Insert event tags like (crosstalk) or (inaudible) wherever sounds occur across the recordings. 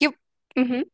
Yo, ujú,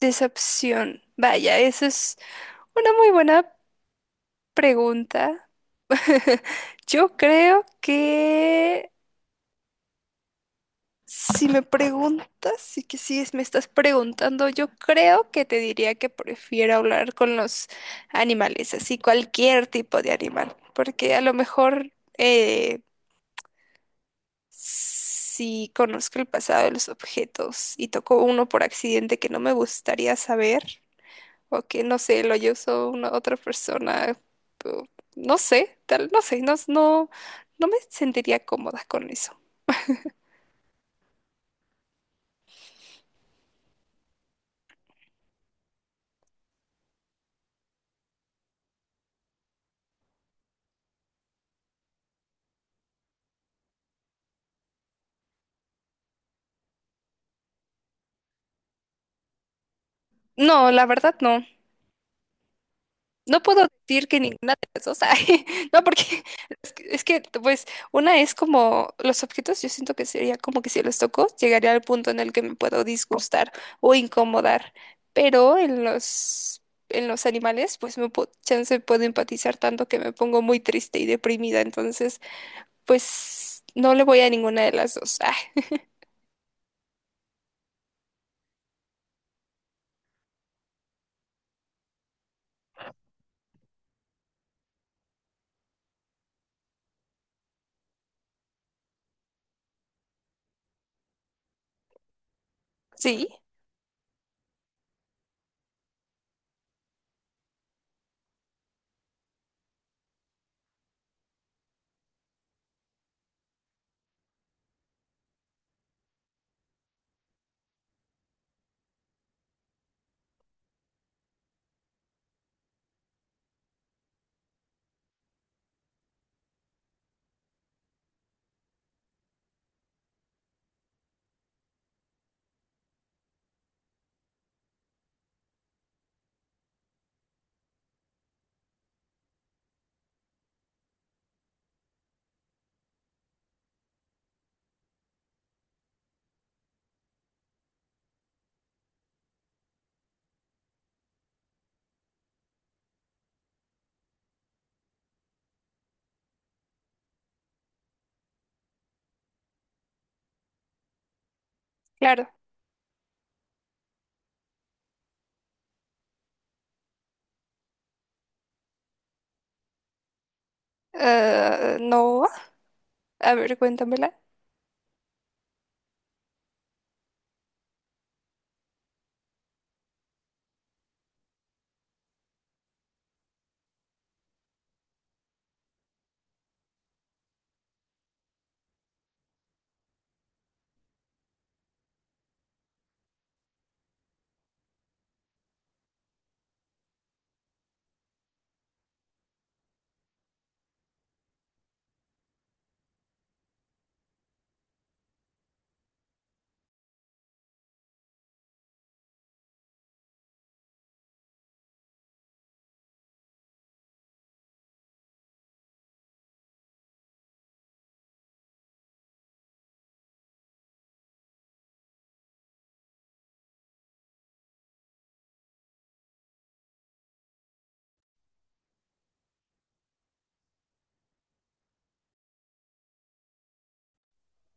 decepción. Vaya, esa es una muy buena pregunta. (laughs) Yo creo que si me preguntas, sí que sí es- me estás preguntando, yo creo que te diría que prefiero hablar con los animales, así cualquier tipo de animal, porque a lo mejor eh, si conozco el pasado de los objetos y toco uno por accidente que no me gustaría saber, o que no sé, lo usó una otra persona, o no sé, tal, no sé, no me sentiría cómoda con eso. No, la verdad no. No puedo decir que ninguna de las dos. (laughs) Ay, no, porque es que pues, una es como los objetos, yo siento que sería como que si los toco, llegaría al punto en el que me puedo disgustar o incomodar. Pero en los animales, pues, me puedo, chance puedo empatizar tanto que me pongo muy triste y deprimida. Entonces, pues no le voy a ninguna de las dos. Ah. (laughs) Sí, claro. Ah, no, a ver, cuéntamela.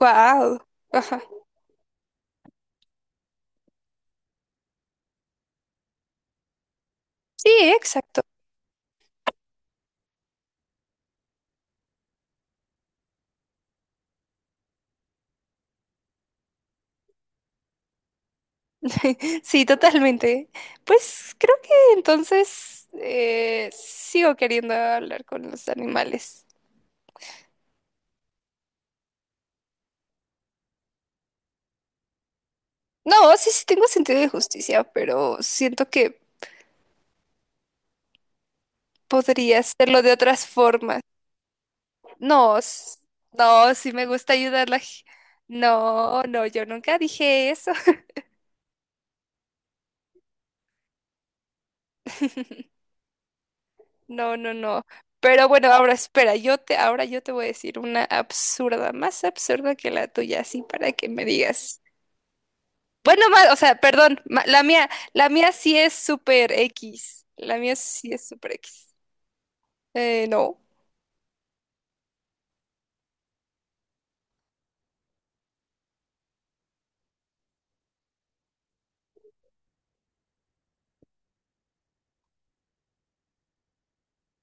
Wow. Ajá. Sí, exacto. (laughs) Sí, totalmente. Pues creo que entonces sigo queriendo hablar con los animales. No, sí, sí tengo sentido de justicia, pero siento que podría hacerlo de otras formas. No, s- no, sí me gusta ayudar a la... g- No, no, yo nunca dije eso. No, no, no. Pero bueno, ahora espera, ahora yo te voy a decir una absurda, más absurda que la tuya, así para que me digas. Bueno, la mía sí es super X. La mía sí es super X. No,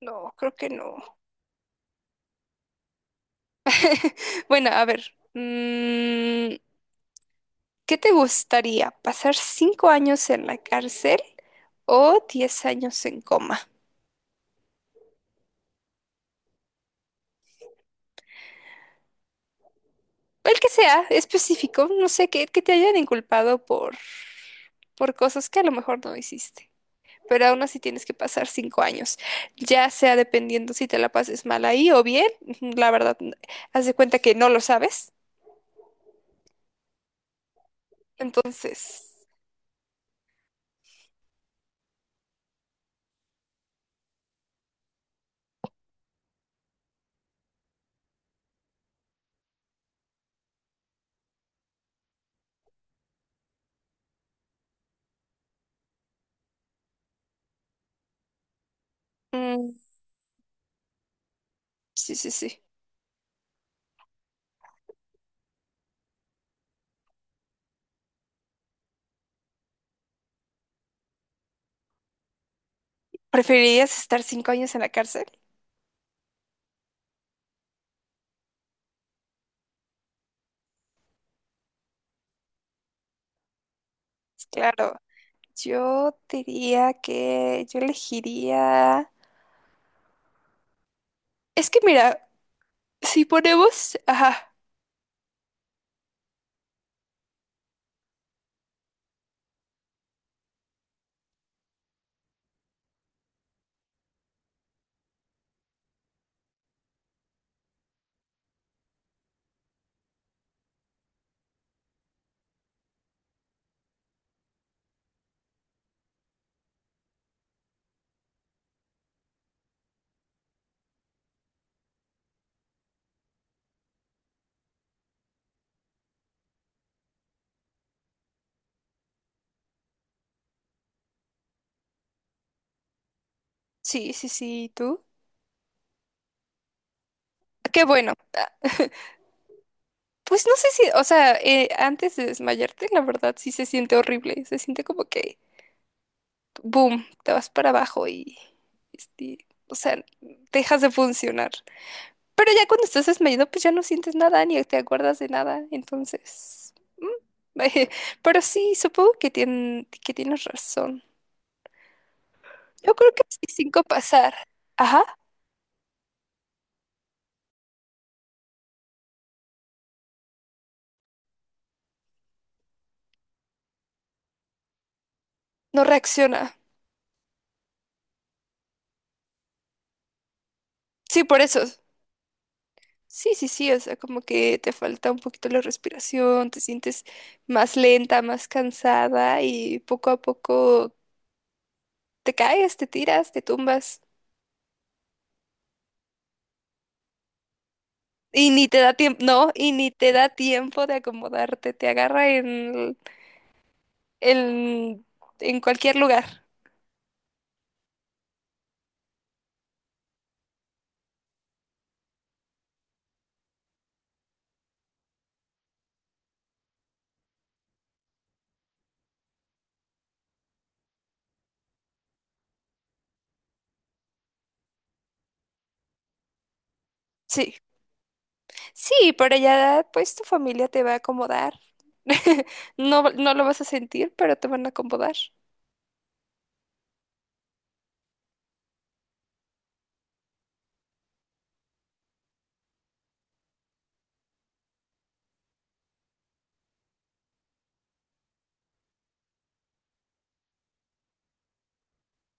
no, creo que no. (laughs) Bueno, a ver. ¿Qué te gustaría? ¿Pasar 5 años en la cárcel o 10 años en coma? El que sea específico, no sé, que te hayan inculpado por cosas que a lo mejor no hiciste. Pero aún así tienes que pasar 5 años, ya sea dependiendo si te la pases mal ahí o bien, (laughs) la verdad, haz de cuenta que no lo sabes. Entonces, mm, sí, sí, sí. ¿Preferirías estar 5 años en la cárcel? Pues claro, yo diría que yo elegiría... Es que mira, si ponemos... Ajá, sí, sí, sí, ¿y tú? Qué bueno. Pues no sé si, o sea, antes de desmayarte, la verdad sí se siente horrible. Se siente como que, boom, te vas para abajo y, este, o sea, dejas de funcionar. Pero ya cuando estás desmayado, pues ya no sientes nada ni te acuerdas de nada. Entonces, mm, (laughs) pero sí, supongo que, que tienes razón. Yo creo que sí, cinco pasar. Ajá, no reacciona. Sí, por eso. Sí, sí, sí, o sea, como que te falta un poquito la respiración, te sientes más lenta, más cansada y poco a poco te caes, te tiras, te tumbas y ni te da tiempo, no, y ni te da tiempo de acomodarte, te agarra en, en cualquier lugar. Sí, sí, pero ya pues tu familia te va a acomodar. (laughs) No, no lo vas a sentir, pero te van a acomodar.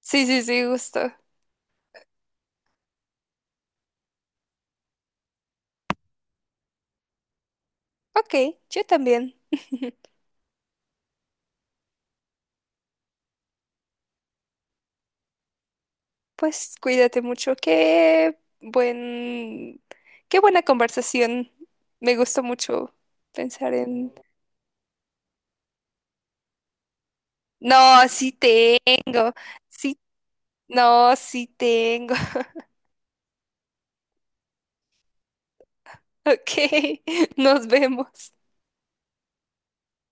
Sí, sí, sí, gusto. Ok, yo también. Pues cuídate mucho. Qué buen, qué buena conversación. Me gustó mucho pensar en... No, sí tengo. Sí, no, sí tengo. (laughs) Ok, nos vemos.